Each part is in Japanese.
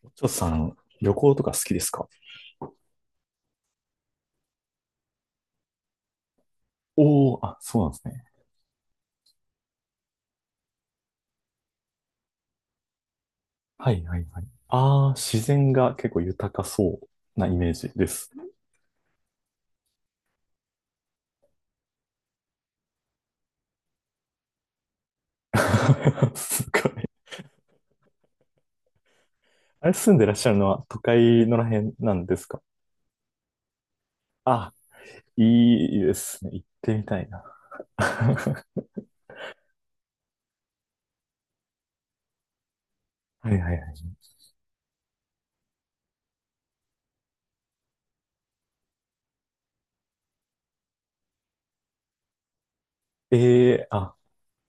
ちょっとさん、旅行とか好きですか？おおー、あ、そうなんですね。はいはいはい。ああ、自然が結構豊かそうなイメージです。すごい。あれ、住んでらっしゃるのは都会のらへんなんですか？あ、いいですね。行ってみたいな。はいはいはい。ええーあ、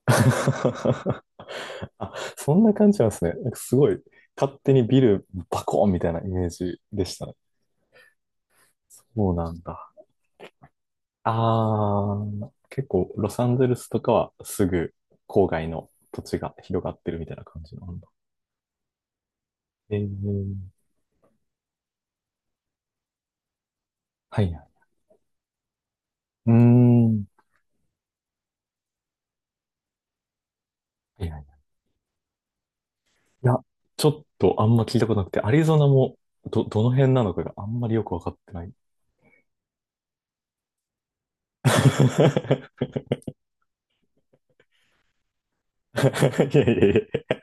あ、そんな感じなんですね。なんかすごい、勝手にビルバコーンみたいなイメージでしたね。そうなんだ。ああ、結構ロサンゼルスとかはすぐ郊外の土地が広がってるみたいな感じなんだ。ええ、はいはい。うーん。はいはい。いや、ちょっとあんま聞いたことなくて、アリゾナもどの辺なのかがあんまりよくわかってない。いやいやいや。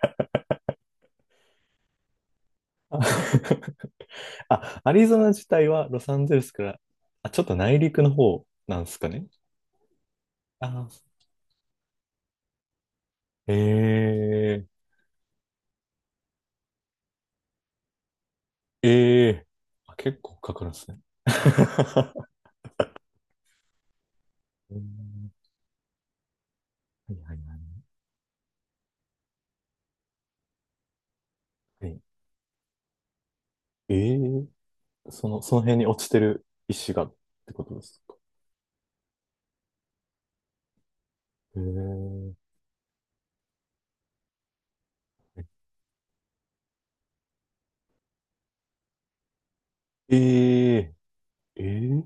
あ、アリゾナ自体はロサンゼルスから、あ、ちょっと内陸の方なんですかね。あー、ええええ、あ、結構かかるんですね。うん、はいはいはい。はい、ええ、その、その辺に落ちてる石がってことですか。ええええ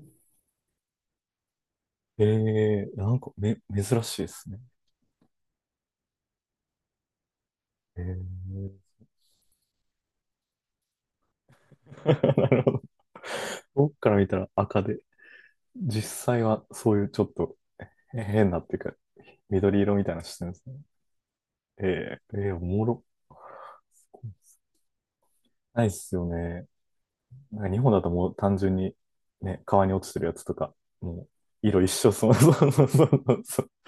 ええええ、なんかめ、珍しいですね。ええ なるほど。僕から見たら赤で、実際はそういうちょっと変なっていうか、緑色みたいなのしてるんですね。ええええ、おもろ。ないっすよね。なんか日本だともう単純にね、川に落ちてるやつとか、もう色一緒、そうそうそうそうそう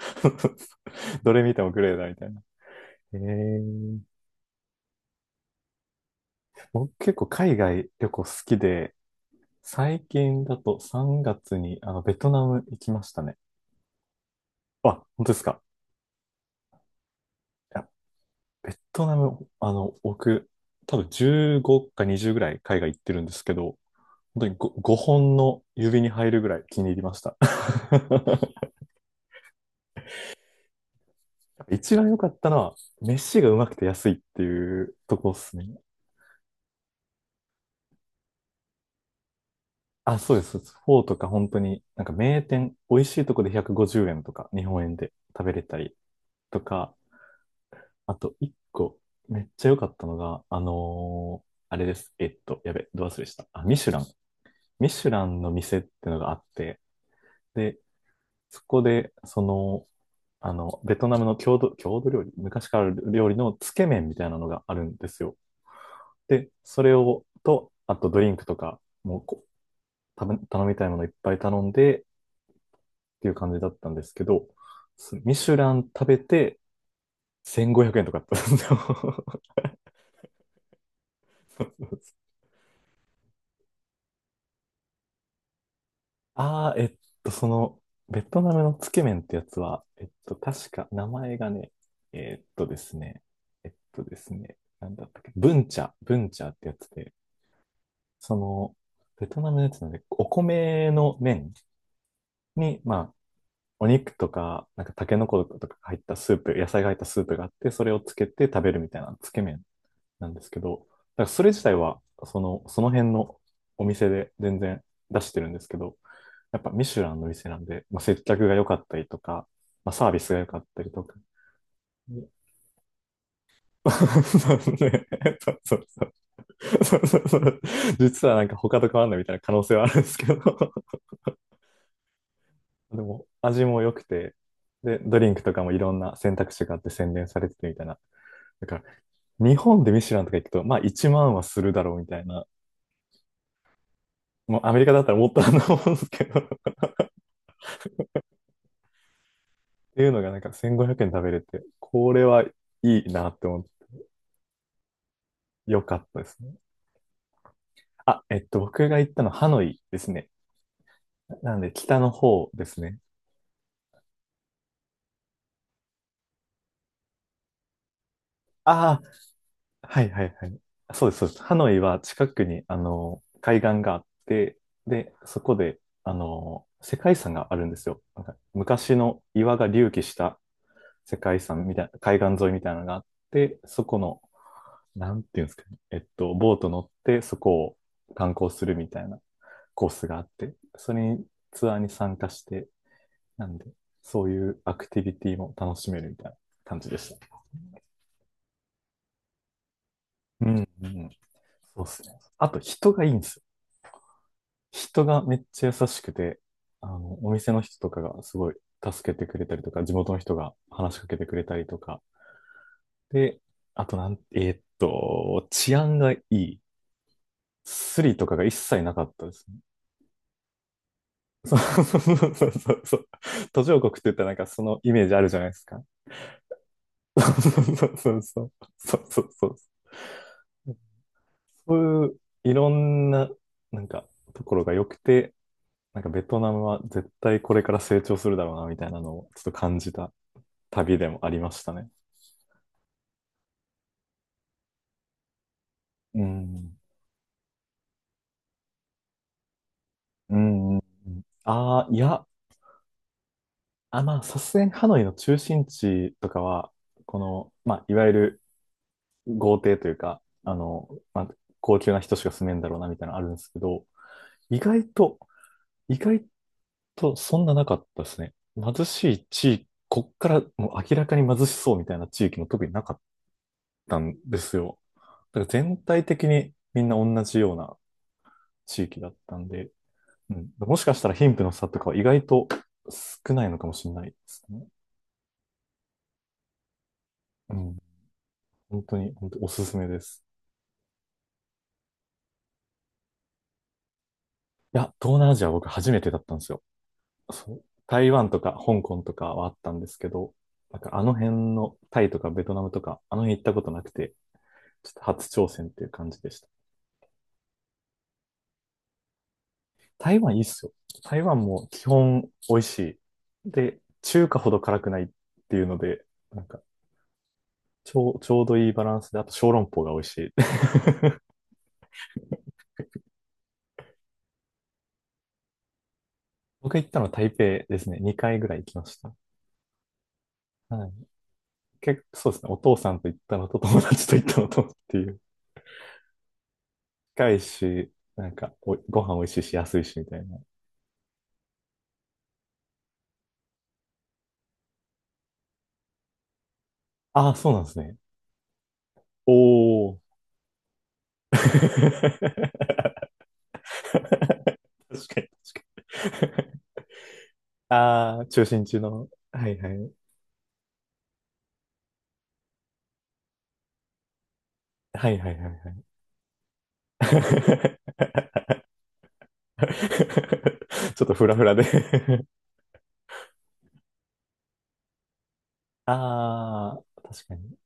どれ見てもグレーだみたいな。えー、僕結構海外旅行好きで、最近だと3月にあのベトナム行きましたね。あ、本当ですか。いや、ベトナム、あの、僕、多分15か20ぐらい海外行ってるんですけど、本当に 5, 本の指に入るぐらい気に入りました。一番良かったのは、飯がうまくて安いっていうとこっすね。あ、そうです。フォーとか本当に、なんか名店、美味しいとこで150円とか、日本円で食べれたりとか、あと一個、めっちゃ良かったのが、あれです。やべ、ど忘れした。あ、ミシュラン。ミシュランの店ってのがあって、で、そこで、その、あの、ベトナムの郷土料理、昔からある料理のつけ麺みたいなのがあるんですよ。で、それを、と、あとドリンクとか、もうこう頼みたいものいっぱい頼んでっていう感じだったんですけど、そミシュラン食べて1500円とかだったんですよ。あー、その、ベトナムのつけ麺ってやつは、えっと、確か名前がね、えっとですね、えっとですね、なんだったっけ、ブンチャってやつで、その、ベトナムのやつなんで、お米の麺に、まあ、お肉とか、なんかタケノコとか入ったスープ、野菜が入ったスープがあって、それをつけて食べるみたいなつけ麺なんですけど、だからそれ自体は、その、その辺のお店で全然出してるんですけど、やっぱミシュランの店なんで、まあ、接客が良かったりとか、まあ、サービスが良かったりとか。そうね。そうそうそう。そうそうそう。実はなんか他と変わんないみたいな可能性はあるんですけど。でも味も良くて、で、ドリンクとかもいろんな選択肢があって宣伝されててみたいな、だから、日本でミシュランとか行くと、まあ1万はするだろうみたいな。もうアメリカだったらもっとあると思うんですけど。っていうのがなんか1500円食べれて、これはいいなって思って、よかったですね。僕が行ったのハノイですね。なんで北の方ですね。ああ、はいはいはい。そうです、そうです。ハノイは近くに、あの、海岸があって、で、そこで、あの、世界遺産があるんですよ。なんか昔の岩が隆起した世界遺産みたいな、海岸沿いみたいなのがあって、そこの、なんていうんですかね、えっと、ボート乗ってそこを観光するみたいなコースがあって、それにツアーに参加して、なんで、そういうアクティビティも楽しめるみたいな感じでした。うん、うん。そうですね。あと人がいいんですよ。人がめっちゃ優しくて、あの、お店の人とかがすごい助けてくれたりとか、地元の人が話しかけてくれたりとか、で、あとなん、えーっと、治安がいい。スリとかが一切なかったですね。そうそうそうそうそう。途上国って言ったらなんかそのイメージあるじゃないですか。そうそうそうそう。そうそうそう。そういういろんな、なんかところが良くて、なんかベトナムは絶対これから成長するだろうなみたいなのをちょっと感じた旅でもありましたね。うん。うん。うん、ああ、いや、あ、まあ、さすがにハノイの中心地とかは、この、まあ、いわゆる豪邸というか、あの、まあ、高級な人しか住めんだろうなみたいなのあるんですけど、意外と、意外とそんななかったですね。貧しい地域、こっからもう明らかに貧しそうみたいな地域も特になかったんですよ。だから全体的にみんな同じような地域だったんで、うん、もしかしたら貧富の差とかは意外と少ないのかもしれないですね。うん、本当に、本当におすすめです。いや、東南アジアは僕初めてだったんですよ。そう、台湾とか香港とかはあったんですけど、なんかあの辺のタイとかベトナムとか、あの辺行ったことなくて、ちょっと初挑戦っていう感じでした。台湾いいっすよ。台湾も基本美味しい。で、中華ほど辛くないっていうので、なんかちょうどいいバランスで、あと小籠包が美味しい。僕行ったのは台北ですね。2回ぐらい行きました。はい。結構そうですね。お父さんと行ったのと友達と行ったのとっていう。近いし、なんかお、ご飯美味しいし安いしみたいな、ああ、そうなんですね。おお。確かに、確かに。ああ、中心地の。はいはい。はいはいはいはい。ちょっとフラフラで ああ、確かに。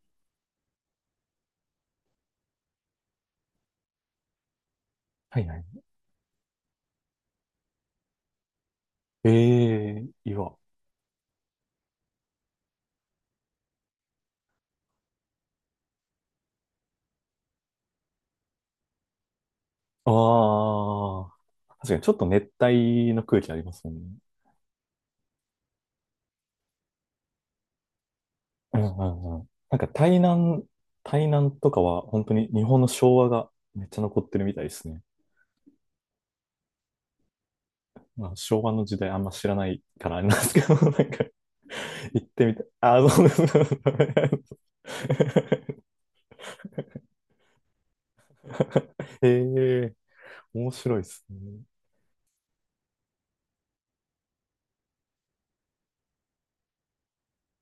はいはい。ええ、岩。ああ、確かにちょっと熱帯の空気ありますもんね。うんうんうん。なんか台南とかは本当に日本の昭和がめっちゃ残ってるみたいですね。まあ、昭和の時代あんま知らないからあれなんですけど、なんか、行ってみたい。あ、そうです。ええ、面白いですね。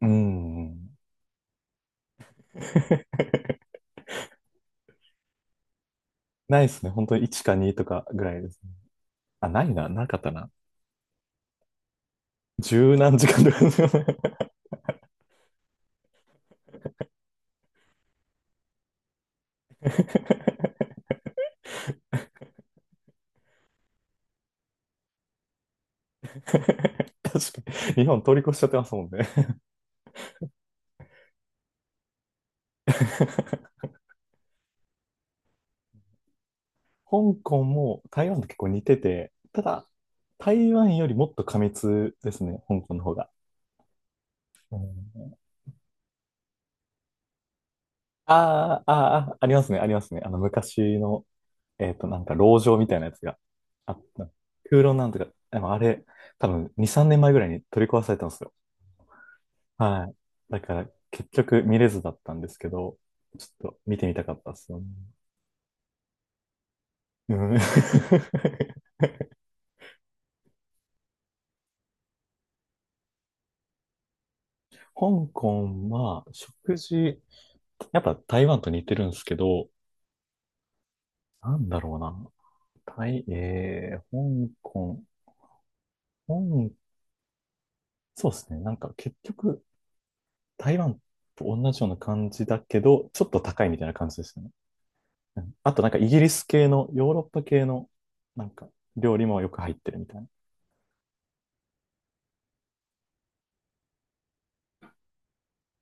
うん。ないですね。本当に1か2とかぐらいですね。あ、ないな。なかったな。十何時間とかですよね。確かに。日本通り越しちゃってますもんね。香港も台湾と結構似てて、ただ、台湾よりもっと過密ですね、香港の方が。うん、あーあー、あありますね、ありますね。あの、昔の、えっと、なんか、籠城みたいなやつがあった。空論なんとか、でもあれ、多分、2、3年前ぐらいに取り壊されたんですよ。はい。だから、結局見れずだったんですけど、ちょっと見てみたかったですよね。うん。香港は、食事、やっぱ台湾と似てるんですけど、なんだろうな。台、えー、香港、香、そうですね。なんか結局、台湾と同じような感じだけど、ちょっと高いみたいな感じですよね。うん、あとなんかイギリス系の、ヨーロッパ系の、なんか料理もよく入ってるみたいな。